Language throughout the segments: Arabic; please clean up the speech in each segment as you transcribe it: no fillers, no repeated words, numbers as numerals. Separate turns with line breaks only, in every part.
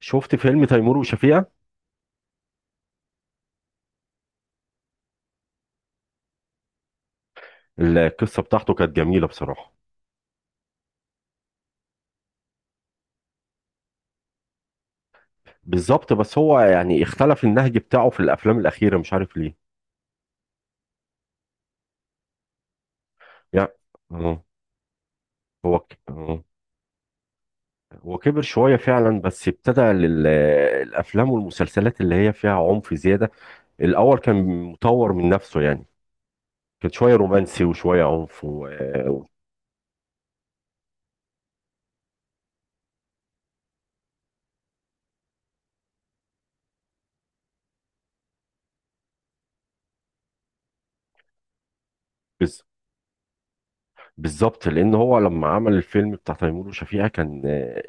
شفت فيلم تيمور وشفيقة. القصة بتاعته كانت جميلة بصراحة. بالظبط، بس هو يعني اختلف النهج بتاعه في الأفلام الأخيرة، مش عارف ليه. يعني اه. هو ك- اه هو كبر شوية فعلا، بس ابتدى الأفلام والمسلسلات اللي هي فيها عنف زيادة. الأول كان مطور من نفسه يعني، كان شوية رومانسي وشوية عنف. بز- بالظبط، لأن هو لما عمل الفيلم بتاع تيمور وشفيقة كان آه،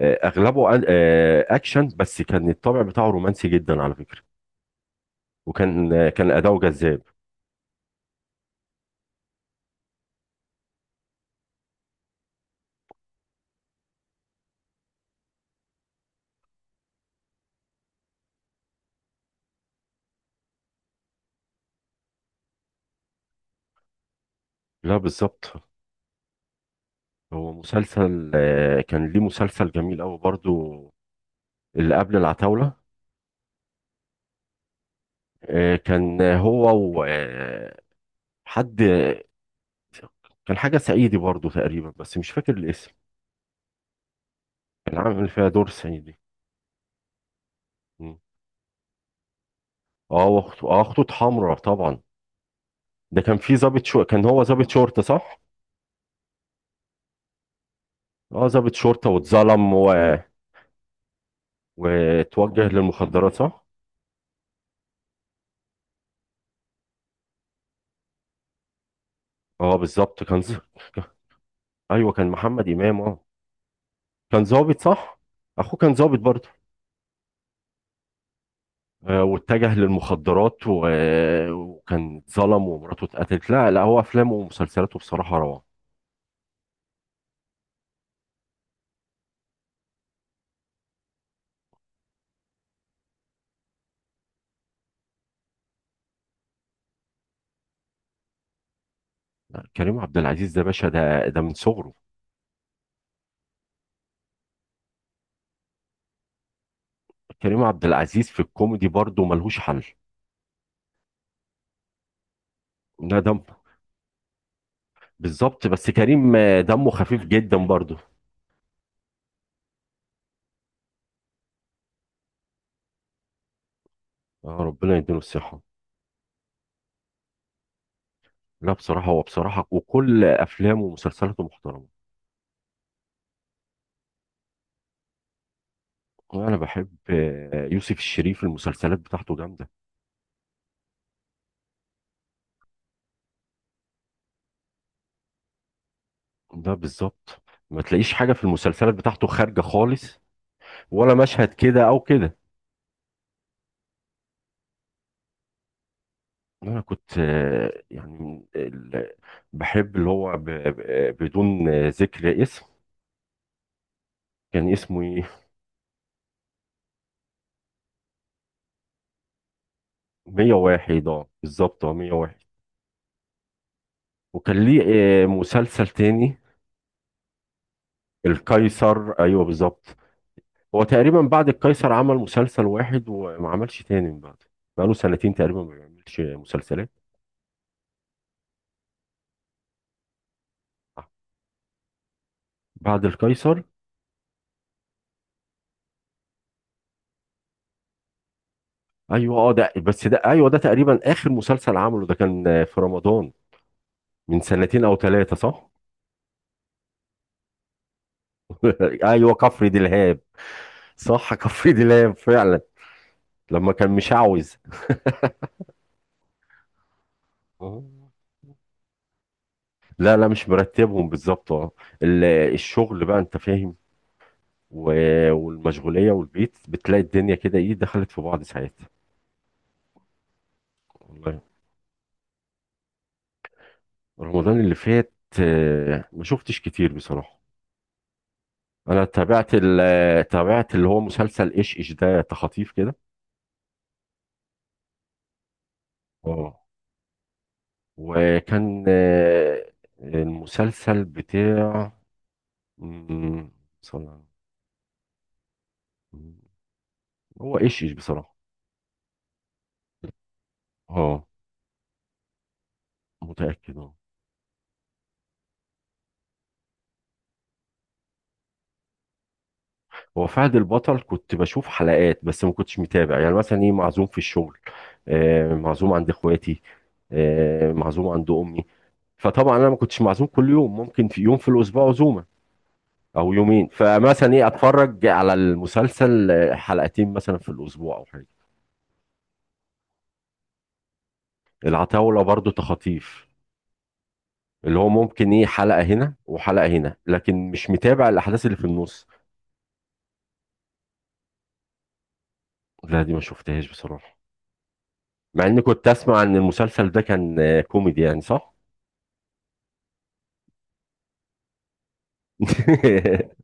آه، أغلبه أكشن، بس كان الطابع بتاعه رومانسي جدا على فكرة. وكان أداؤه جذاب. لا بالظبط. هو مسلسل، كان ليه مسلسل جميل أوي برضو اللي قبل العتاولة. كان هو وحد، كان حاجة صعيدي برضو تقريبا، بس مش فاكر الاسم. كان عامل فيها دور صعيدي. مم. اه، وخطو اه خطوط حمراء طبعا. ده كان في ضابط، كان هو ضابط شرطة، صح؟ اه، ضابط شرطة واتظلم واتوجه للمخدرات، صح؟ اه بالظبط. ايوه كان محمد إمام اه. كان ظابط صح. اخوه كان ظابط برضه. واتجه للمخدرات، و... آه، وكان اتظلم ومراته اتقتلت. لا لا، هو افلامه ومسلسلاته بصراحه روعه. لا، كريم عبد العزيز ده باشا، ده من صغره. كريم عبد العزيز في الكوميدي برضه ملهوش حل. لا، بالظبط، بس كريم، دمه خفيف جدا برضه. ربنا يديله الصحه. لا بصراحه، هو بصراحه وكل افلامه ومسلسلاته محترمه. انا بحب يوسف الشريف، المسلسلات بتاعته جامده. ده بالظبط، ما تلاقيش حاجة في المسلسلات بتاعته خارجة خالص، ولا مشهد كده أو كده. أنا كنت يعني بحب اللي هو بدون ذكر اسم. كان اسمه إيه؟ 101، اه بالظبط، اه 101. وكان ليه مسلسل تاني، القيصر، أيوه بالظبط. هو تقريبا بعد القيصر عمل مسلسل واحد وما عملش تاني من بعده، بقاله سنتين تقريبا ما بيعملش مسلسلات. آه، بعد القيصر. ايوه اه، ده بس ده، ايوه ده تقريبا اخر مسلسل عمله، ده كان في رمضان من سنتين او ثلاثه، صح؟ ايوه كفر دلهاب. صح كفر دلهاب فعلا، لما كان مشعوذ. آه. لا لا، مش مرتبهم بالظبط اه. ال- الشغل بقى، انت فاهم، والمشغوليه والبيت، بتلاقي الدنيا كده ايه دخلت في بعض ساعات. والله رمضان اللي فات، ما شفتش كتير بصراحه. انا تابعت، تابعت اللي هو مسلسل ايش ايش ده، تخاطيف كده. اه، وكان المسلسل بتاع، مم، صلى- مم، هو ايش ايش بصراحة. اه متأكد اه. هو فهد البطل كنت بشوف حلقات، بس ما كنتش متابع. يعني مثلا ايه، معزوم في الشغل، معزوم عند اخواتي، معزوم عند امي. فطبعا انا ما كنتش معزوم كل يوم، ممكن في يوم في الاسبوع عزومة او يومين. فمثلا ايه اتفرج على المسلسل حلقتين مثلا في الاسبوع او حاجة. العتاولة برضو تخاطيف، اللي هو ممكن ايه حلقة هنا وحلقة هنا، لكن مش متابع الأحداث اللي في النص. لا دي ما شفتهاش بصراحة، مع اني كنت اسمع ان المسلسل ده كان كوميدي يعني، صح؟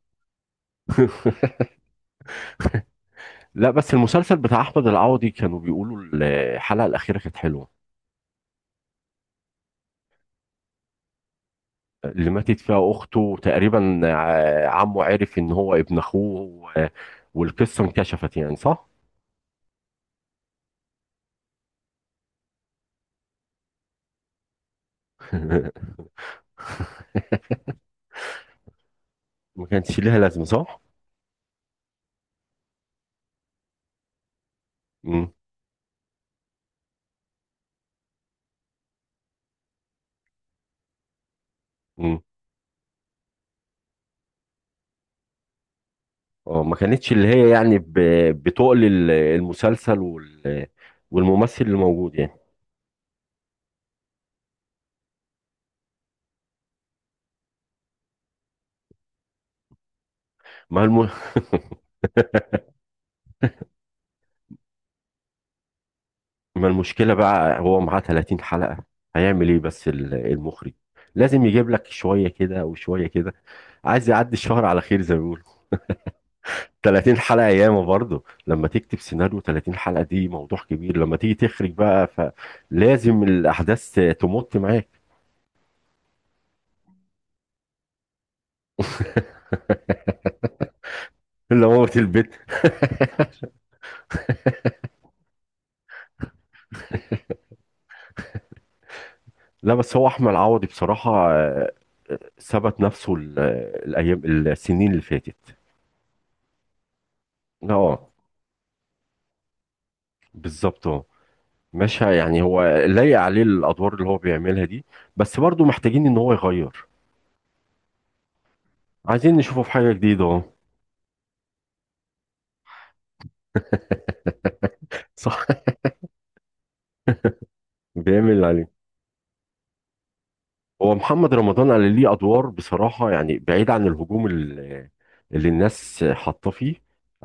لا، بس المسلسل بتاع احمد العوضي كانوا بيقولوا الحلقة الأخيرة كانت حلوة. اللي ماتت فيها أخته تقريبا، عمه عرف ان هو ابن اخوه، والقصة انكشفت يعني، صح؟ ما كانش ليها لازمة، صح؟ مم. مم. اه، ما كانتش اللي هي يعني بتقل المسلسل والممثل اللي موجود يعني. ما الم... ما المشكلة بقى، هو معاه 30 حلقة. هيعمل ايه بس المخرج لازم يجيب لك شوية كده وشوية كده، عايز يعدي الشهر على خير زي ما بيقولوا. 30 حلقة ياما برضه، لما تكتب سيناريو 30 حلقة دي موضوع كبير، لما تيجي تخرج بقى فلازم الأحداث تمط معاك. الا موت البيت لا بس هو احمد عوضي بصراحه ثبت نفسه، الايام السنين اللي فاتت. اه بالظبط اه. مش ه- يعني هو لايق عليه الادوار اللي هو بيعملها دي، بس برضه محتاجين ان هو يغير. عايزين نشوفه في حاجه جديده اه. صح بيعمل اللي عليه. هو محمد رمضان قال ليه ادوار بصراحه، يعني بعيد عن الهجوم اللي الناس حاطه فيه.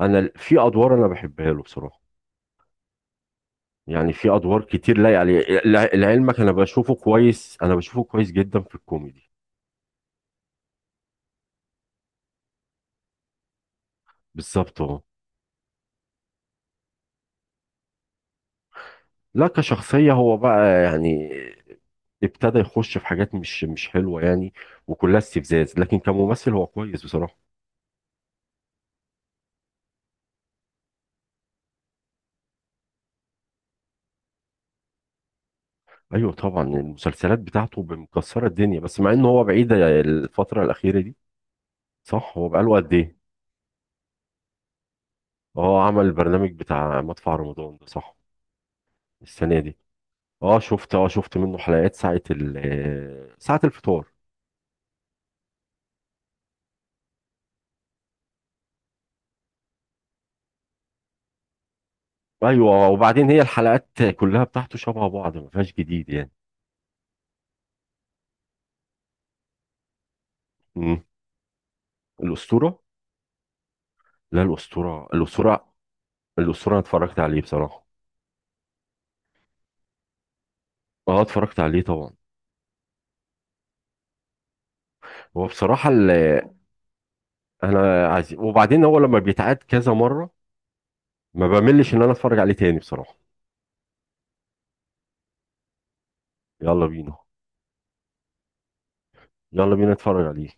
انا في ادوار انا بحبها له بصراحه، يعني في ادوار كتير لايق عليه. لعلمك انا بشوفه كويس، انا بشوفه كويس جدا في الكوميدي. بالظبط اه. لا كشخصية هو بقى يعني ابتدى يخش في حاجات مش حلوة يعني، وكلها استفزاز، لكن كممثل هو كويس بصراحة. ايوه طبعا، المسلسلات بتاعته مكسرة الدنيا، بس مع انه هو بعيد الفترة الأخيرة دي. صح، هو بقاله قد ايه؟ اه عمل البرنامج بتاع مدفع رمضان ده صح، السنة دي. شفت منه حلقات، ساعة ال آه، ساعة الفطار. ايوه وبعدين هي الحلقات كلها بتاعته شبه بعض، ما فيهاش جديد يعني. امم. الأسطورة. لا، الأسطورة الأسطورة. الأسطورة أنا اتفرجت عليه بصراحة. اه اتفرجت عليه طبعا. هو بصراحة اللي أنا عايز، وبعدين هو لما بيتعاد كذا مرة ما بملش إن أنا أتفرج عليه تاني بصراحة. يلا بينا، يلا بينا نتفرج عليه.